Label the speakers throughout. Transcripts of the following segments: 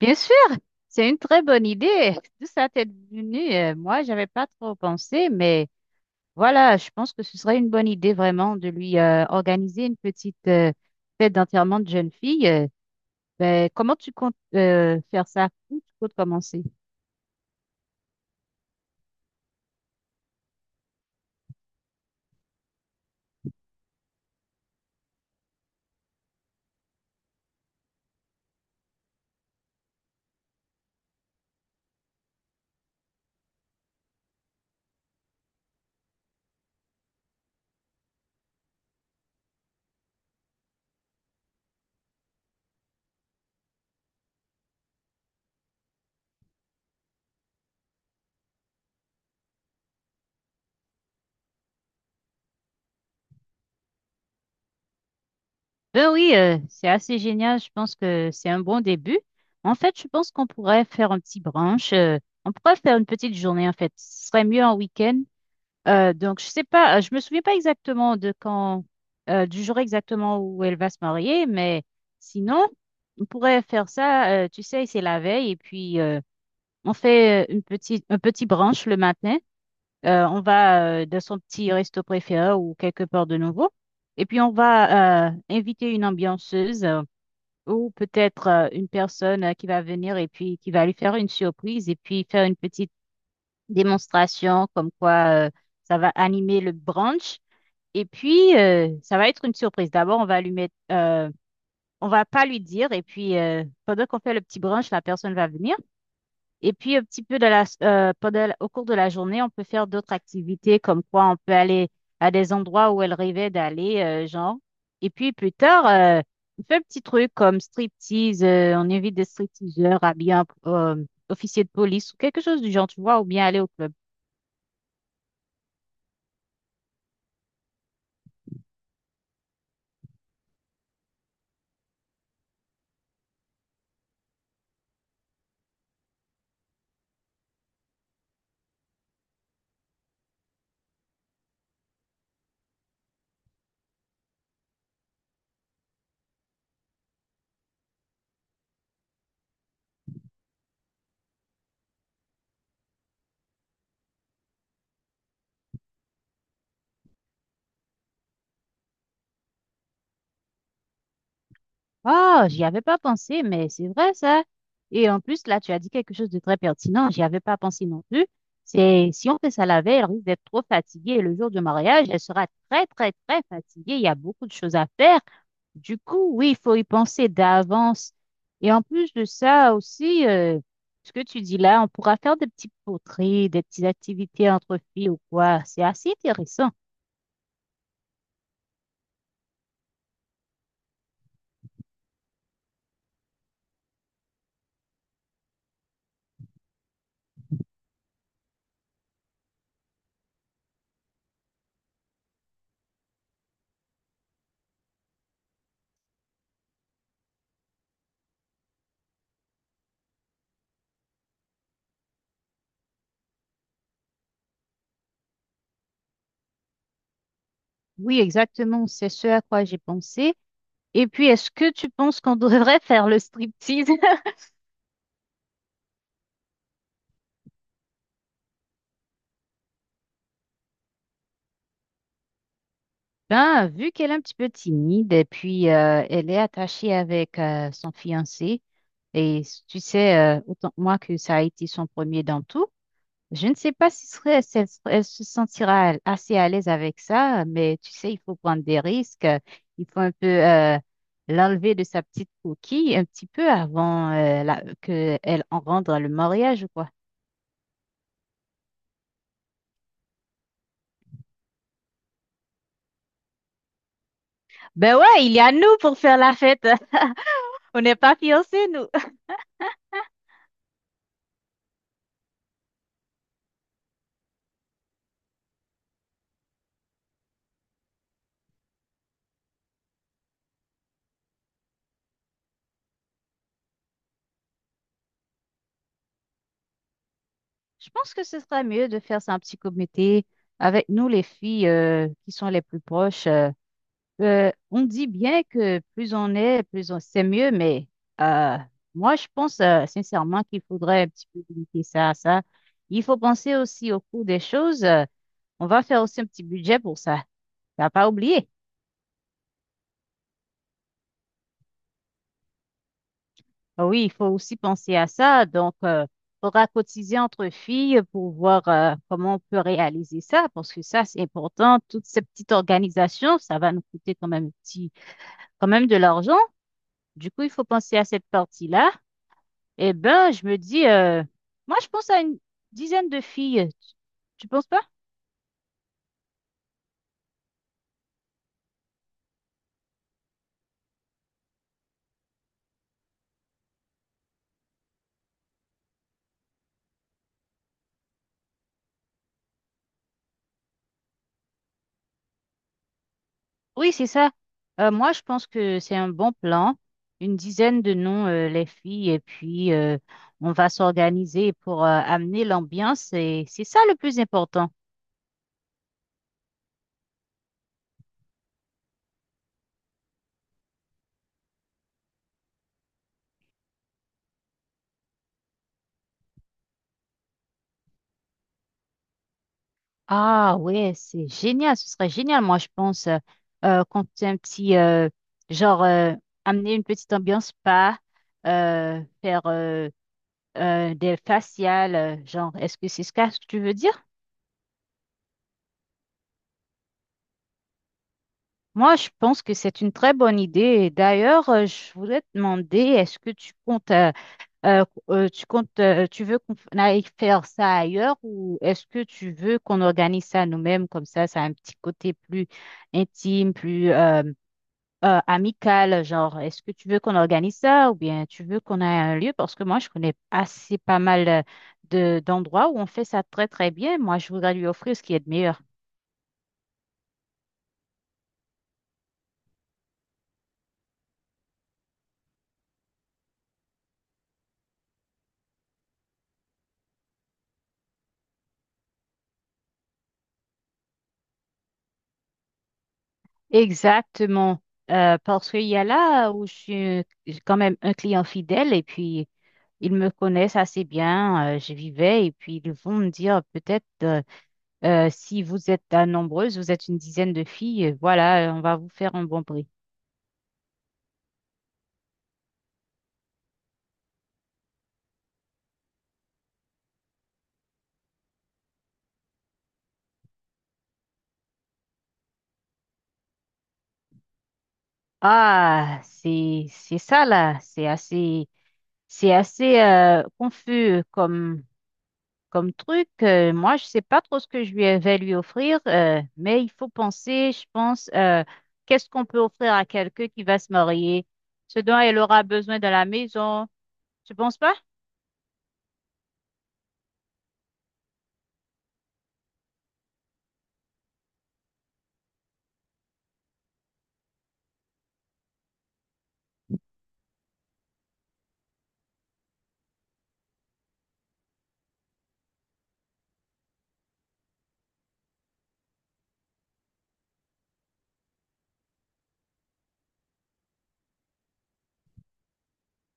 Speaker 1: Bien sûr, c'est une très bonne idée. Tout ça t'est venu. Moi, j'avais pas trop pensé, mais voilà, je pense que ce serait une bonne idée vraiment de lui organiser une petite fête d'enterrement de jeune fille. Ben, comment tu comptes faire ça? Où tu comptes commencer? Ben oui, c'est assez génial. Je pense que c'est un bon début. En fait, je pense qu'on pourrait faire un petit brunch. On pourrait faire une petite journée, en fait. Ce serait mieux en week-end. Donc, je sais pas, je me souviens pas exactement de quand, du jour exactement où elle va se marier, mais sinon, on pourrait faire ça, tu sais, c'est la veille, et puis on fait un petit brunch le matin. On va dans son petit resto préféré ou quelque part de nouveau, et puis on va inviter une ambianceuse ou peut-être une personne qui va venir et puis qui va lui faire une surprise et puis faire une petite démonstration comme quoi ça va animer le brunch. Et puis, ça va être une surprise. D'abord, on va lui mettre, on va pas lui dire. Et puis, pendant qu'on fait le petit brunch, la personne va venir. Et puis, un petit peu de la, pendant, au cours de la journée, on peut faire d'autres activités, comme quoi on peut aller à des endroits où elle rêvait d'aller, genre. Et puis, plus tard, on fait un petit truc comme striptease. On invite des stripteaseurs à bien, officier de police ou quelque chose du genre, tu vois, ou bien aller au club. Oh, j'y avais pas pensé, mais c'est vrai ça. Et en plus, là, tu as dit quelque chose de très pertinent. J'y avais pas pensé non plus. C'est si on fait ça la veille, elle risque d'être trop fatiguée. Et le jour du mariage, elle sera très, très, très fatiguée. Il y a beaucoup de choses à faire. Du coup, oui, il faut y penser d'avance. Et en plus de ça aussi, ce que tu dis là, on pourra faire des petits poteries, des petites activités entre filles ou quoi. C'est assez intéressant. Oui, exactement. C'est ce à quoi j'ai pensé. Et puis, est-ce que tu penses qu'on devrait faire le striptease? Ben, vu qu'elle est un petit peu timide et puis elle est attachée avec son fiancé, et tu sais autant que moi que ça a été son premier dans tout, je ne sais pas si serait, si elle, serait- elle se sentira assez à l'aise avec ça, mais tu sais, il faut prendre des risques, il faut un peu l'enlever de sa petite coquille un petit peu avant que elle en rende le mariage ou quoi. Ben ouais, il y a nous pour faire la fête. On n'est pas fiancés, nous. Je pense que ce serait mieux de faire ça un petit comité avec nous, les filles qui sont les plus proches. On dit bien que plus on est, plus on c'est mieux, mais euh, moi, je pense sincèrement qu'il faudrait un petit peu limiter ça à ça. Il faut penser aussi au coût des choses. On va faire aussi un petit budget pour ça. T'as pas oublié? Ah oui, il faut aussi penser à ça. Donc, il faudra cotiser entre filles pour voir comment on peut réaliser ça, parce que ça, c'est important. Toute cette petite organisation, ça va nous coûter quand même petit, quand même de l'argent. Du coup, il faut penser à cette partie-là. Eh ben, je me dis, moi, je pense à une dizaine de filles. Tu penses pas? Oui, c'est ça. Moi, je pense que c'est un bon plan. Une dizaine de noms les filles, et puis on va s'organiser pour amener l'ambiance. Et c'est ça le plus important. Ah ouais, c'est génial. Ce serait génial, moi, je pense, qu'on fait un petit, genre, amener une petite ambiance spa, faire des faciales, genre, est-ce que c'est ce que tu veux dire? Moi, je pense que c'est une très bonne idée. Et d'ailleurs, je voulais te demander, est-ce que euh, tu veux qu'on aille faire ça ailleurs ou est-ce que tu veux qu'on organise ça nous-mêmes comme ça a un petit côté plus intime, plus amical, genre, est-ce que tu veux qu'on organise ça ou bien tu veux qu'on ait un lieu? Parce que moi, je connais assez pas mal de d'endroits où on fait ça très très bien. Moi, je voudrais lui offrir ce qui est de meilleur. Exactement. Parce qu'il y a là où je suis j'ai quand même un client fidèle et puis ils me connaissent assez bien. Je vivais et puis ils vont me dire peut-être si vous êtes nombreuses, vous êtes une dizaine de filles, voilà, on va vous faire un bon prix. Ah, c'est ça là, c'est assez confus comme truc. Moi, je sais pas trop ce que je lui vais lui offrir, mais il faut penser, je pense, qu'est-ce qu'on peut offrir à quelqu'un qui va se marier, ce dont elle aura besoin dans la maison. Tu penses pas?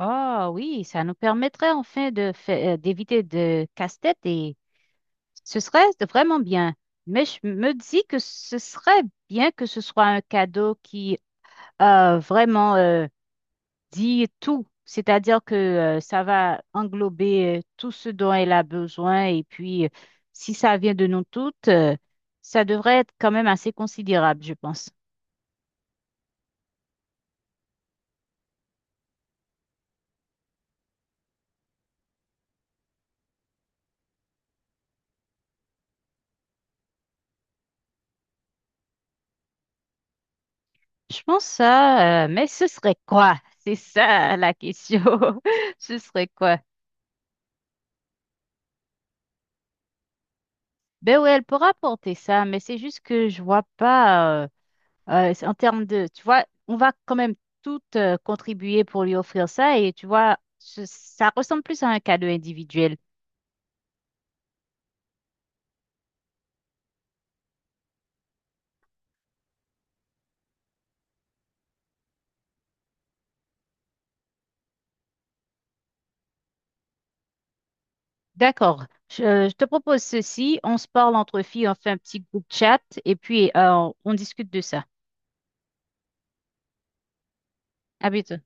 Speaker 1: Oh oui, ça nous permettrait enfin d'éviter de casse-tête et ce serait vraiment bien. Mais je me dis que ce serait bien que ce soit un cadeau qui vraiment dit tout. C'est-à-dire que ça va englober tout ce dont elle a besoin. Et puis, si ça vient de nous toutes, ça devrait être quand même assez considérable, je pense. Je pense ça, mais ce serait quoi? C'est ça la question. Ce serait quoi? Ben oui, elle pourra porter ça, mais c'est juste que je vois pas, c'est en termes de, tu vois, on va quand même toutes contribuer pour lui offrir ça. Et tu vois, ça ressemble plus à un cadeau individuel. D'accord. Je te propose ceci. On se parle entre filles, on fait un petit groupe chat et puis on discute de ça. À bientôt.